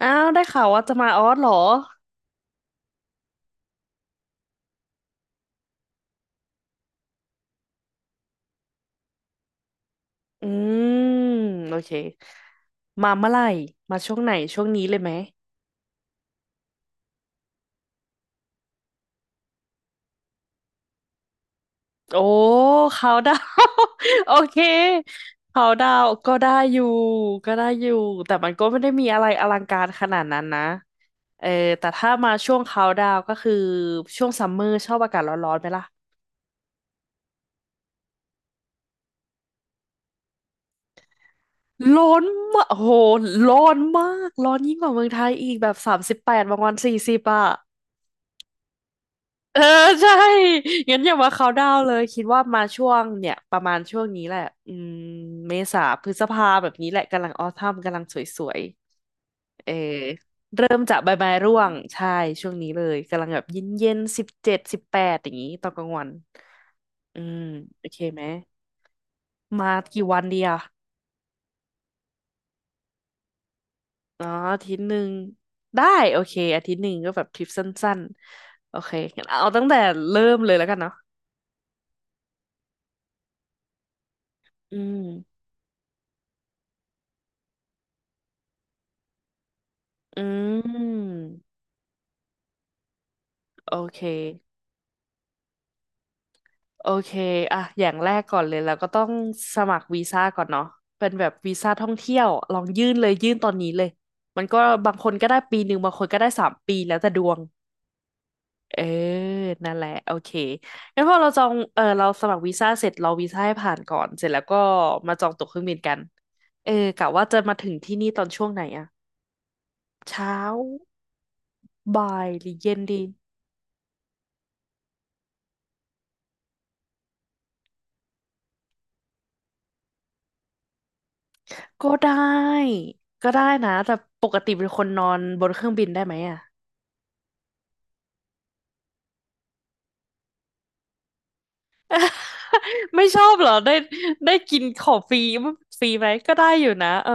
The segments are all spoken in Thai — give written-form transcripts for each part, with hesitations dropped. อ้าวได้ข่าวว่าจะมาออสเหรออืมโอเคมาเมื่อไหร่มาช่วงไหนช่วงนี้เลยไหมโอ้ เขาดาว โอเคเขาดาวก็ได้อยู่ก็ได้อยู่แต่มันก็ไม่ได้มีอะไรอลังการขนาดนั้นนะเออแต่ถ้ามาช่วงเขาดาวก็คือช่วงซัมเมอร์ชอบอากาศร้อนๆไหมล่ะร้อนมากโอ้โหร้อนมากร้อนยิ่งกว่าเมืองไทยอีกแบบสามสิบแปดบางวันสี่สิบอ่ะ เออใช่ งั้นอย่ามาเขาน์ดาวน์เลยคิดว่ามาช่วงเนี่ยประมาณช่วงนี้แหละอืมเมษาพฤษภาแบบนี้แหละกำลังออทัมกำลังสวยๆเออเริ่มจากใบไม้ร่วงใช่ช่วงนี้เลยกำลังแบบเย็นๆสิบเจ็ดสิบแปดอย่างนี้ตอนกลางวันอืมโอเคไหมมากี่วันดีอ่ะอ๋ออาทิตย์หนึ่งได้โอเคอาทิตย์หนึ่งก็แบบทริปสั้นๆโอเคงั้นเอาตั้งแต่เริ่มเลยแล้วกันเนาะอืมอืม โอเคโอเคอ่ะ อย่างแรกก่อนเลยเราก็ต้องสมัครวีซ่าก่อนเนาะเป็นแบบวีซ่าท่องเที่ยว ลองยื่นเลยยื่นตอนนี้เลย มันก็บางคนก็ได้ปีหนึ่งบางคนก็ได้สามปีแล้วแต่ดวงเออนั่นแหละโอเคงั้นพอเราจองเออเราสมัครวีซ่าเสร็จรอวีซ่าให้ผ่านก่อนเสร็จแล้วก็มาจองตั๋วเครื่องบินกันเออกะว่าจะมาถึงที่นี่ตอนช่วงไหนอะเช้าบ่ายหรือเย็นดีก็ได้ก็ได้นะ แต่ปกติเป็นคนนอนบนเครื่องบินได้ไหมอะ ไม่ชอบเหรอได้ได้กินของฟรีฟรีไหมก็ได้อยู่นะเออ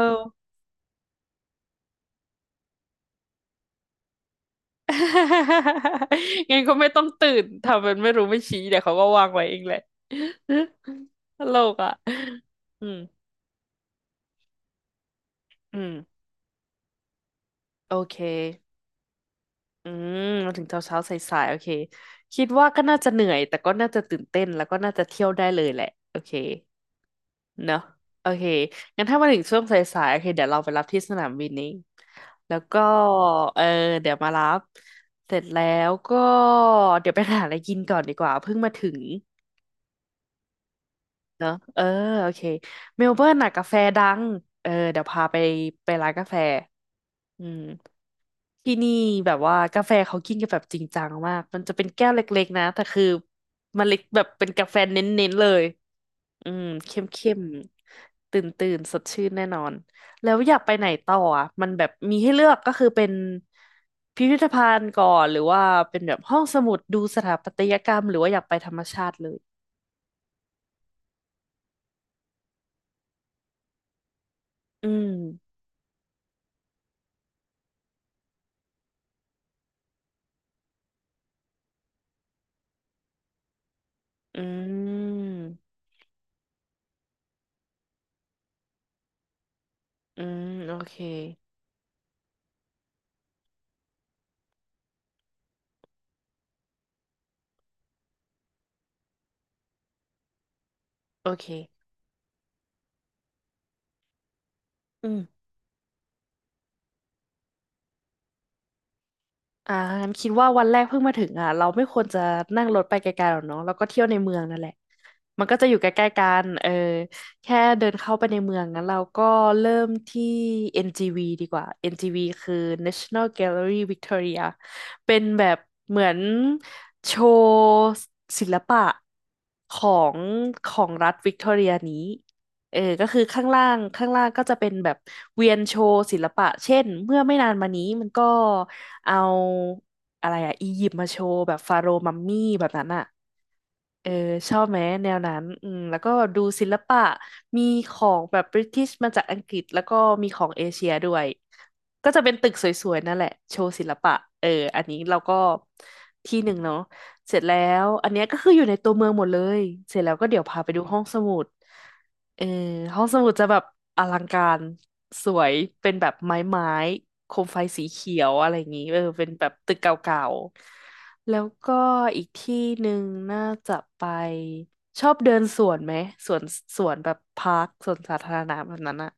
งั้นก็ไม่ต้องตื่นทำเป็นไม่รู้ไม่ชี้เดี๋ยวเขาก็วางไว้เองแหละ ตลกอ่ะอืมอืมโอเคอืมมาถึงเช้าเช้าสายๆโอเคคิดว่าก็น่าจะเหนื่อยแต่ก็น่าจะตื่นเต้นแล้วก็น่าจะเที่ยวได้เลยแหละโอเค เนอะโอเคงั้นถ้ามาถึงช่วงสายๆโอเคเดี๋ยวเราไปรับที่สนามบินนี้แล้วก็เออเดี๋ยวมารับเสร็จแล้วก็เดี๋ยวไปหาอะไรกินก่อนดีกว่าเพิ่งมาถึงเนอะเออโอเคเมลเบิร์นน่ะกาแฟดังเออเดี๋ยวพาไปไปร้านกาแฟอืมที่นี่แบบว่ากาแฟเขากินกันแบบจริงจังมากมันจะเป็นแก้วเล็กๆนะแต่คือมันเล็กแบบเป็นกาแฟเน้นๆเลย อืมเข้มเข้มตื่นตื่นๆสดชื่นแน่นอนแล้วอยากไปไหนต่ออ่ะมันแบบมีให้เลือกก็คือเป็นพิพิธภัณฑ์ก่อนหรือว่าเป็นแบบห้องสมุดดูสถาปัตยกรรมหรือว่าอยากไปธรรมชาติเลยอืมอืมอืมโอเคโอเคอืมอ่างั้นคิดว่าวันแรกเพิ่งมาถึงอ่ะเราไม่ควรจะนั่งรถไปไกลๆหรอกเนาะแล้วก็เที่ยวในเมืองนั่นแหละ มันก็จะอยู่ใกล้ๆกันเออแค่เดินเข้าไปในเมืองงั้นเราก็เริ่มที่ NGV ดีกว่า NGV คือ National Gallery Victoria เป็นแบบเหมือนโชว์ศิลปะของของรัฐวิกตอเรียนี้เออก็คือข้างล่างก็จะเป็นแบบเวียนโชว์ศิลปะเช่นเมื่อไม่นานมานี้มันก็เอาอะไรอะอียิปต์มาโชว์แบบฟาโรห์มัมมี่แบบนั้นอะ เออชอบไหมแนวนั้นอืมแล้วก็ดูศิลปะมีของแบบบริติชมาจากอังกฤษแล้วก็มีของเอเชียด้วยก็จะเป็นตึกสวยๆนั่นแหละโชว์ศิลปะเอออันนี้เราก็ที่หนึ่งเนาะเสร็จแล้วอันเนี้ยก็คืออยู่ในตัวเมืองหมดเลยเสร็จแล้วก็เดี๋ยวพาไปดูห้องสมุดเออห้องสมุดจะแบบอลังการสวยเป็นแบบไม้ไม้โคมไฟสีเขียวอะไรอย่างนี้เออเป็นแบบตึกเก่าๆ แล้วก็อีกที่หนึ่งน่าจะไปชอบเดินสวนไหมสวนสวนแบบพาร์คสวนสาธารณะแบบนั้นอะ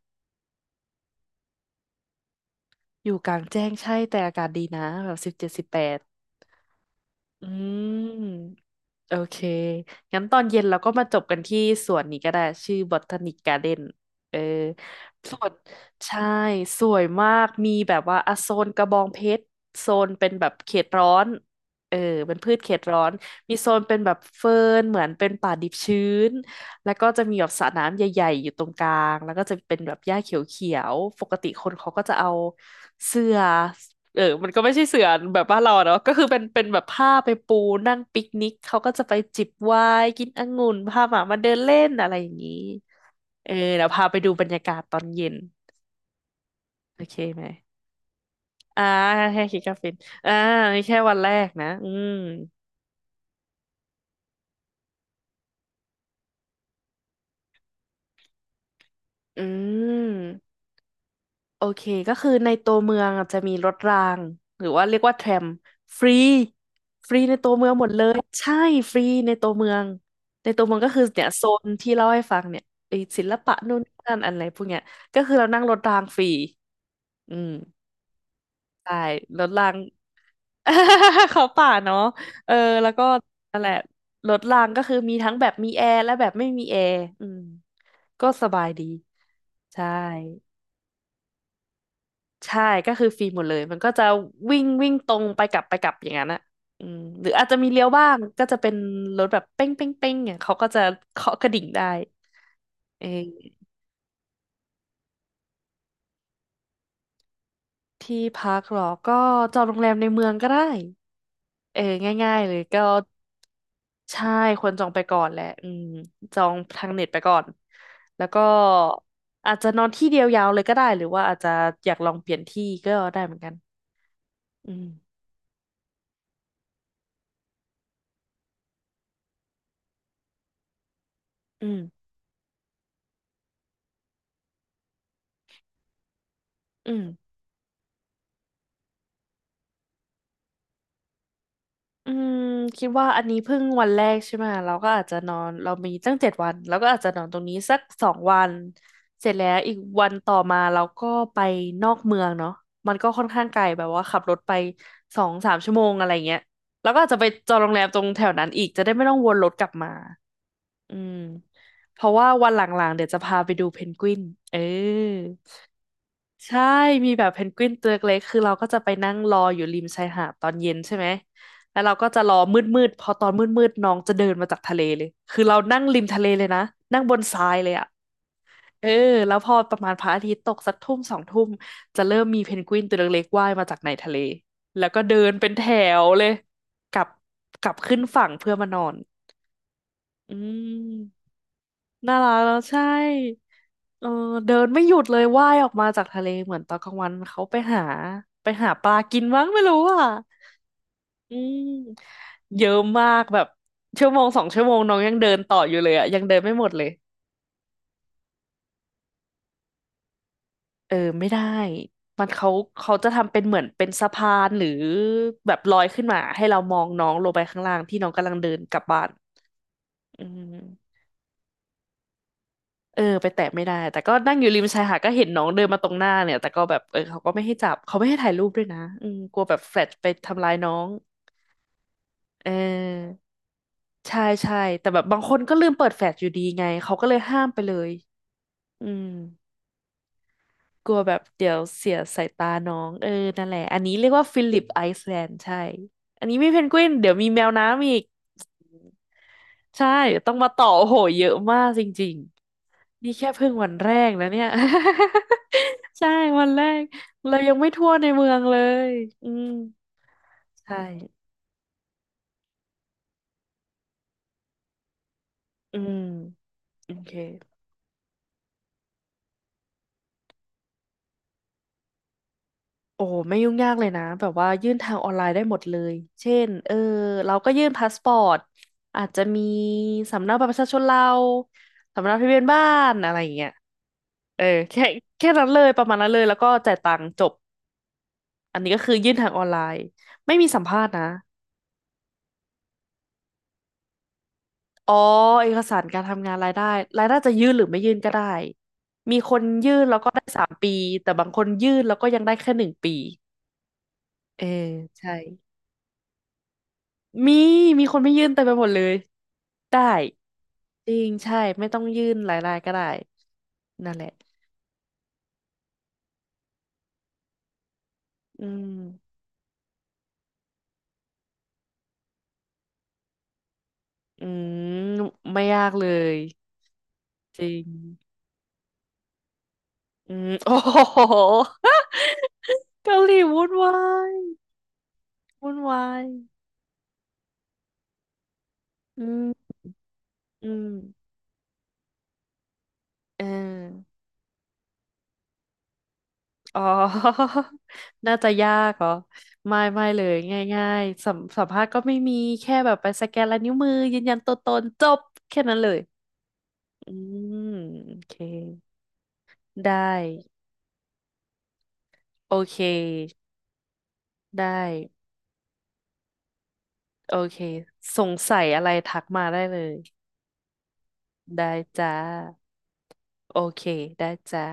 อยู่กลางแจ้งใช่แต่อากาศดีนะแบบสิบเจ็ดสิบแปดอืม โอเค งั้นตอนเย็นเราก็มาจบกันที่สวนนี้ก็ได้ชื่อบอทานิกการ์เดนเออสวนใช่สวยมาก มีแบบว่าอะโซนกระบองเพชรโซนเป็นแบบเขตร้อน เออเป็นพืชเขตร้อน มีโซนเป็นแบบเฟิร์นเหมือนเป็นป่าดิบชื้นแล้วก็จะมีแบบสระน้ำใหญ่ๆ อยู่ตรงกลางแล้วก็จะเป็นแบบหญ้าเขียวๆปกติคนเขาก็จะเอาเสื่อ เออมันก็ไม่ใช่เสือแบบบ้านเราอะเนาะก็คือเป็นแบบผ้าไปปูนั่งปิกนิก เขาก็จะไปจิบไวน์กินองุ่นพาหมามาเดินเล่นอะไรอย่างนี้ เออเดี๋ยวพาไปดูบรรยากาศตอนเย็น โอเคไหม อ่าแค่คิดกาฟิน อ่านี่แค่วันแรกนะ อืม อืม โอเคก็คือในตัวเมืองอะจะมีรถรางหรือว่าเรียกว่าแทรมฟรีฟรีในตัวเมืองหมดเลยใช่ฟรีในตัวเมืองในตัวเมืองก็คือเนี่ยโซนที่เล่าให้ฟังเนี่ยไอ้ศิลปะนู่นนี่นั่นอะไรพวกเนี้ยก็คือเรานั่งรถรางฟรีอืมใช่รถราง เขาป่าเนาะเออแล้วก็นั่นแหละรถรางก็คือมีทั้งแบบมีแอร์และแบบไม่มีแอร์อืมก็สบายดีใช่ ใช่ก็คือฟรีหมดเลยมันก็จะวิ่งวิ่งตรงไปกลับไปกลับอย่างนั้นอะอืมหรืออาจจะมีเลี้ยวบ้างก็จะเป็นรถแบบเป้งเป้งเป้งเนี่ยเขาก็จะเคาะกระดิ่งได้เออที่พักเหรอก็จองโรงแรมในเมืองก็ได้เออง่ายๆเลยก็ใช่ควรจองไปก่อนแหละอืมจองทางเน็ตไปก่อนแล้วก็อาจจะนอนที่เดียวยาวเลยก็ได้หรือว่าอาจจะอยากลองเปลี่ยนที่ก็ได้เหมือนกันอืมอืมอืม อืมคิดว่าอันนี้เพิ่งวันแรกใช่ไหมเราก็อาจจะนอนเรามีตั้งเจ็ดวันเราก็อาจจะนอนตรงนี้สักสองวันเสร็จแล้วอีกวันต่อมาเราก็ไปนอกเมืองเนาะมันก็ค่อนข้างไกลแบบว่าขับรถไปสองสามชั่วโมงอะไรเงี้ยแล้วก็อาจจะไปจองโรงแรมตรงแถวนั้นอีกจะได้ไม่ต้องวนรถกลับมาอืมเพราะว่าวันหลังๆเดี๋ยวจะพาไปดูเพนกวินเออ ใช่มีแบบเพนกวินตัวเล็กๆคือเราก็จะไปนั่งรออยู่ริมชายหาดตอนเย็นใช่ไหมแล้วเราก็จะรอมืดๆพอตอนมืดๆน้องจะเดินมาจากทะเลเลยคือเรานั่งริมทะเลเลยนะนั่งบนทรายเลยอ่ะเออแล้วพอประมาณพระอาทิตย์ตกสักทุ่มสองทุ่มจะเริ่มมีเพนกวินตัวเล็กๆว่ายมาจากในทะเล แล้วก็เดินเป็นแถวเลยกลับกลับขึ้นฝั่งเพื่อมานอนอืม น่ารักแล้วใช่เออเดินไม่หยุดเลยว่ายออกมาจากทะเลเหมือนตอนกลางวันเขาไปหาไปหาปลากินมั้งไม่รู้อ่ะอืมเยอะมากแบบชั่วโมงสองชั่วโมงน้องยังเดินต่ออยู่เลยอ่ะยังเดินไม่หมดเลย เออไม่ได้มันเขาจะทำเป็นเหมือนเป็นสะพานหรือแบบลอยขึ้นมาให้เรามองน้องลงไปข้างล่างที่น้องกำลังเดินกลับบ้านอืม เออไปแตะไม่ได้แต่ก็นั่งอยู่ริมชายหาดก็เห็นน้องเดินมาตรงหน้าเนี่ยแต่ก็แบบเออเขาก็ไม่ให้จับเขาไม่ให้ถ่ายรูปด้วยนะอืมกลัวแบบแฟลชไปทำร้ายน้องเออใช่ใช่แต่แบบบางคนก็ลืมเปิดแฟลชอยู่ดีไงเขาก็เลยห้ามไปเลยอืมกลัวแบบเดี๋ยวเสียสายตาน้องเออนั่นแหละอันนี้เรียกว่าฟิลิปไอซ์แลนด์ใช่อันนี้มีเพนกวินเดี๋ยวมีแมวน้ำอีกใช่เดี๋ยวต้องมาต่อโอ้โหเยอะมากจริง นี่แค่เพิ่งวันแรกนะเนี่ย ใช่ วันแรกเรายังไม่ทั่วในเมืองเลยอืมใช่อืมโอเคโอ้ไม่ยุ่งยากเลยนะแบบว่ายื่นทางออนไลน์ได้หมดเลยเช่นเออเราก็ยื่นพาสปอร์ตอาจจะมีสำเนาบัตรประชาชนเราสำเนาทะเบียนบ้านอะไรอย่างเงี้ยเออแค่แค่นั้นเลยประมาณนั้นเลยแล้วก็จ่ายตังค์จบอันนี้ก็คือยื่นทางออนไลน์ไม่มีสัมภาษณ์นะ อ๋อเอกสารการทำงานรายได้รายได้จะยื่นหรือไม่ยื่นก็ได้มีคนยื่นแล้วก็ได้สามปีแต่บางคนยื่นแล้วก็ยังได้แค่หนึ่งปีเออใช่มีมีคนไม่ยื่นเต็มไปหมดเลยได้จริงใช่ไม่ต้องยื่นหายรายได้ก็ได้นั่นแหละอืมอืมไม่ยากเลยจริงอืม โอ้โห เกาหลีวุ่นวายวุ่นวายอืมอืมเออ อ๋อ น่าจะยากเหรอไม่ไม่เลยง่ายๆสัมภาษณ์ก็ไม่มีแค่แบบไปสแกนลายนิ้วมือยืนยันตัวตนจบแค่นั้นเลยอืมโอเคได้โอเคได้โอเคสงสัยอะไรทักมาได้เลยได้จ้าโอเคได้จ้า